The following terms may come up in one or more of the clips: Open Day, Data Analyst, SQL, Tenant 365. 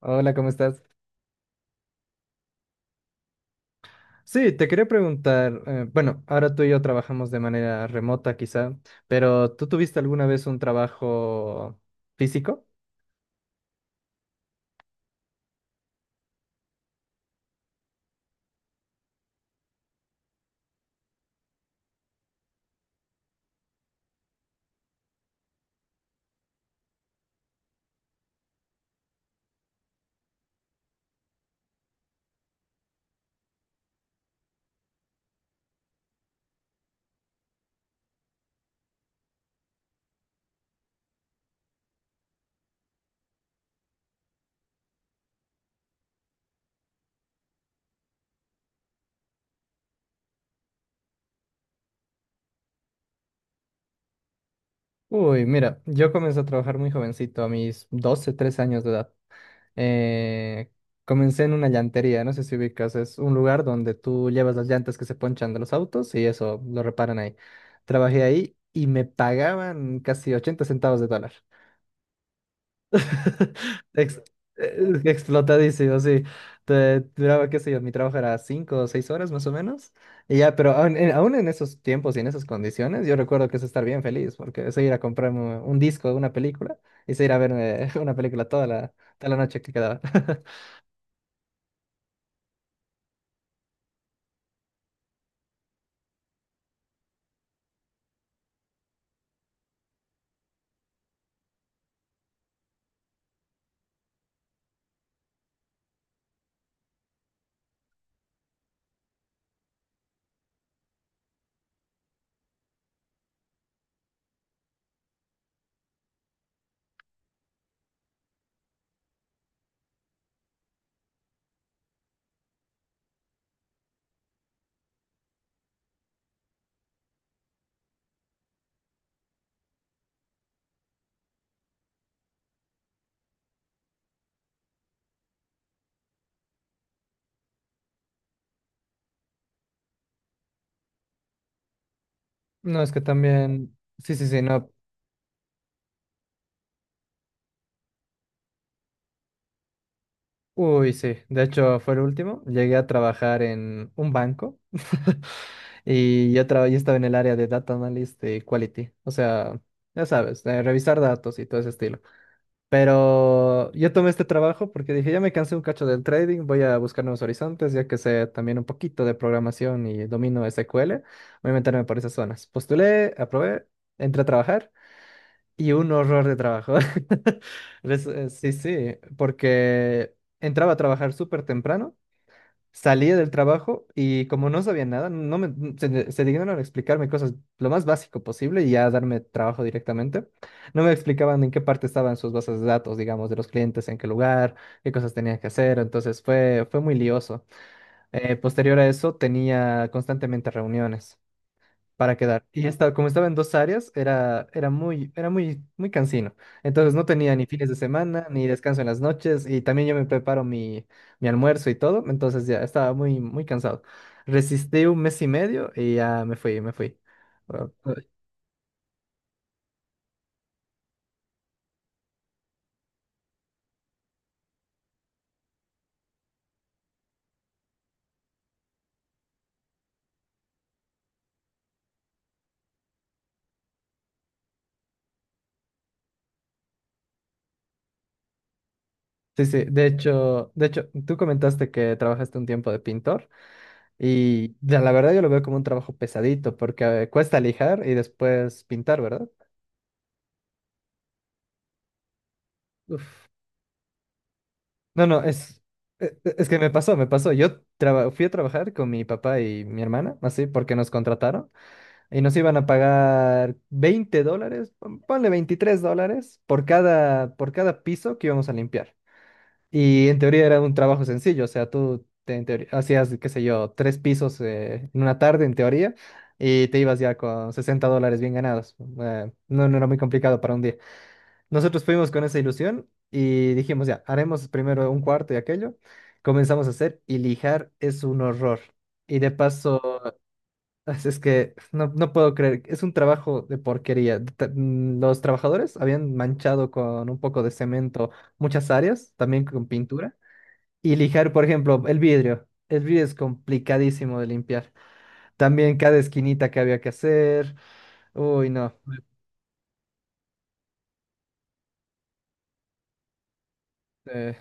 Hola, ¿cómo estás? Sí, te quería preguntar, bueno, ahora tú y yo trabajamos de manera remota quizá, pero ¿tú tuviste alguna vez un trabajo físico? Uy, mira, yo comencé a trabajar muy jovencito, a mis 12, 13 años de edad. Eh, comencé en una llantería, no sé si ubicas, es un lugar donde tú llevas las llantas que se ponchan de los autos y eso lo reparan ahí. Trabajé ahí y me pagaban casi 80 centavos de dólar. Ex- eh, explotadísimo, sí. Duraba, qué sé yo, mi trabajo era cinco o seis horas más o menos. Y ya, pero aún en esos tiempos y en esas condiciones, yo recuerdo que es estar bien feliz, porque es ir a comprarme un disco, una película, y es ir a ver una película toda la noche que quedaba. No, es que también, sí, sí, sí, no. Uy, sí. De hecho, fue el último. Llegué a trabajar en un banco y yo estaba en el área de Data Analyst y Quality. O sea, ya sabes, revisar datos y todo ese estilo. Pero yo tomé este trabajo porque dije, ya me cansé un cacho del trading, voy a buscar nuevos horizontes, ya que sé también un poquito de programación y domino SQL, voy a meterme por esas zonas. Postulé, aprobé, entré a trabajar. Y un horror de trabajo. Sí, sí, porque entraba a trabajar súper temprano, salía del trabajo y como no sabía nada, no me, se dignaron a explicarme cosas lo más básico posible y ya darme trabajo directamente. No me explicaban en qué parte estaban sus bases de datos, digamos, de los clientes, en qué lugar, qué cosas tenía que hacer. Entonces fue muy lioso. Posterior a eso tenía constantemente reuniones para quedar. Y esta, como estaba en dos áreas, era muy muy cansino. Entonces no tenía ni fines de semana, ni descanso en las noches, y también yo me preparo mi almuerzo y todo, entonces ya estaba muy, muy cansado. Resistí un mes y medio y ya me fui, me fui. Ah, ah. Sí, sí, de hecho, tú comentaste que trabajaste un tiempo de pintor y ya, la verdad yo lo veo como un trabajo pesadito porque cuesta lijar y después pintar, ¿verdad? Uf. No, no, es que me pasó, me pasó. Yo fui a trabajar con mi papá y mi hermana, así, porque nos contrataron y nos iban a pagar $20, ponle $23 por cada piso que íbamos a limpiar. Y en teoría era un trabajo sencillo, o sea, en teoría, hacías, qué sé yo, tres pisos en una tarde, en teoría, y te ibas ya con $60 bien ganados. No, no era muy complicado para un día. Nosotros fuimos con esa ilusión y dijimos, ya, haremos primero un cuarto y aquello. Comenzamos a hacer y lijar es un horror. Y de paso, es que no, no puedo creer, es un trabajo de porquería. Los trabajadores habían manchado con un poco de cemento muchas áreas, también con pintura. Y lijar, por ejemplo, el vidrio. El vidrio es complicadísimo de limpiar. También cada esquinita que había que hacer. Uy, no. eh,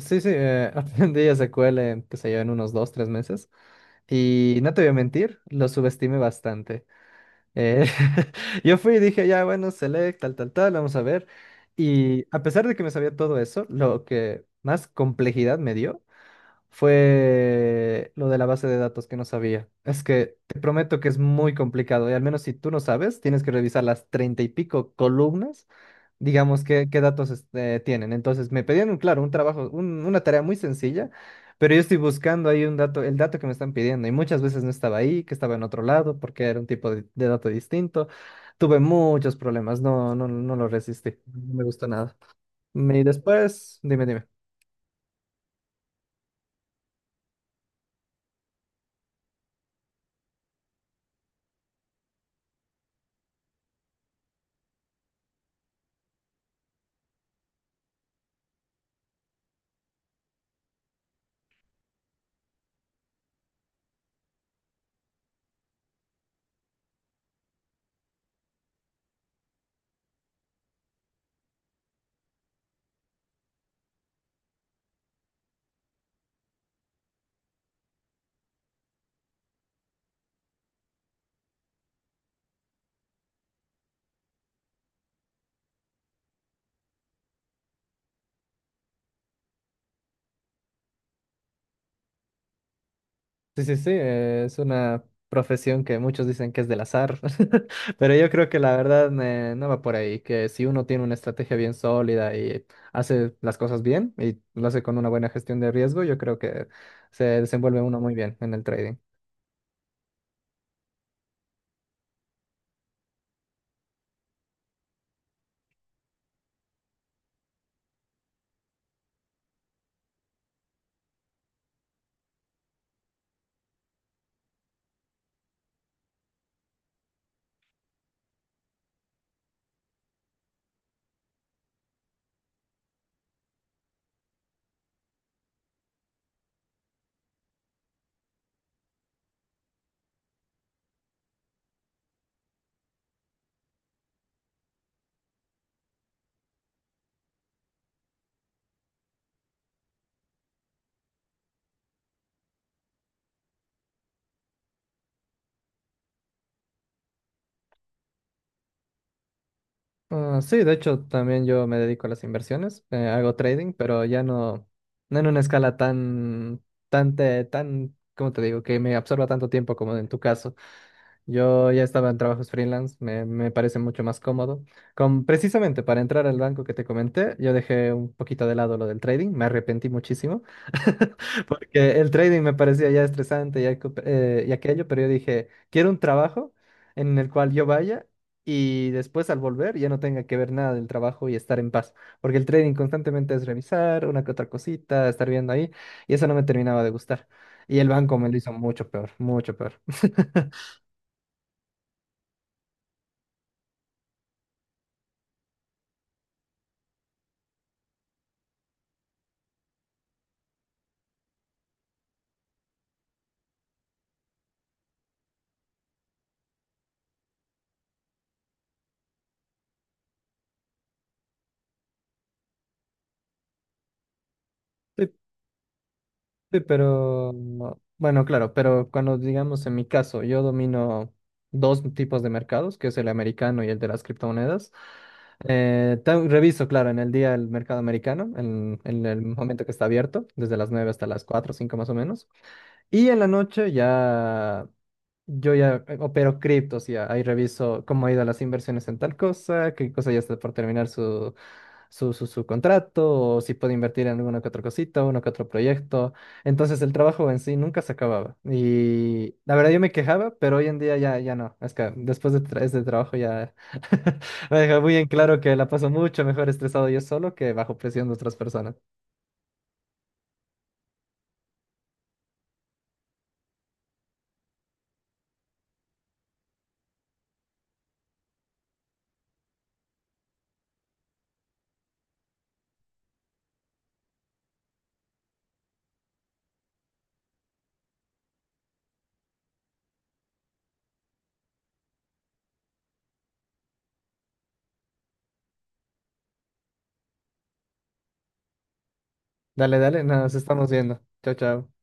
Sí, sí, Open Day ya se cuele, en, qué sé yo, en unos dos, tres meses. Y no te voy a mentir, lo subestimé bastante. Eh, yo fui y dije, ya, bueno, select, tal, tal, tal, vamos a ver. Y a pesar de que me sabía todo eso, lo que más complejidad me dio fue lo de la base de datos que no sabía. Es que te prometo que es muy complicado y al menos si tú no sabes, tienes que revisar las treinta y pico columnas, digamos, qué datos tienen. Entonces me pedían, claro, un trabajo, una tarea muy sencilla, pero yo estoy buscando ahí un dato, el dato que me están pidiendo y muchas veces no estaba ahí, que estaba en otro lado porque era un tipo de dato distinto. Tuve muchos problemas, no, no, no lo resistí, no me gustó nada. Y después, dime, dime. Sí, sí, sí, es una profesión que muchos dicen que es del azar, pero yo creo que la verdad no va por ahí, que si uno tiene una estrategia bien sólida y hace las cosas bien y lo hace con una buena gestión de riesgo, yo creo que se desenvuelve uno muy bien en el trading. Ah, sí, de hecho también yo me dedico a las inversiones, hago trading, pero ya no, no en una escala tan, ¿cómo te digo? Que me absorba tanto tiempo como en tu caso. Yo ya estaba en trabajos freelance, me parece mucho más cómodo. Precisamente para entrar al banco que te comenté, yo dejé un poquito de lado lo del trading, me arrepentí muchísimo, porque el trading me parecía ya estresante y aquello, pero yo dije, quiero un trabajo en el cual yo vaya y después al volver ya no tenga que ver nada del trabajo y estar en paz, porque el trading constantemente es revisar una que otra cosita, estar viendo ahí, y eso no me terminaba de gustar. Y el banco me lo hizo mucho peor, mucho peor. Sí, pero bueno, claro, pero cuando digamos en mi caso, yo domino dos tipos de mercados, que es el americano y el de las criptomonedas. Reviso, claro, en el día el mercado americano, en el momento que está abierto, desde las 9 hasta las 4 o 5 más o menos. Y en la noche yo opero criptos, ya ahí reviso cómo ha ido las inversiones en tal cosa, qué cosa ya está por terminar su contrato, o si puede invertir en alguna que otra cosita, uno que otro proyecto. Entonces el trabajo en sí nunca se acababa. Y la verdad yo me quejaba, pero hoy en día ya, ya no. Es que después de este trabajo ya me deja muy en claro que la paso mucho mejor estresado yo solo que bajo presión de otras personas. Dale, dale, nos estamos viendo. Chao, chao.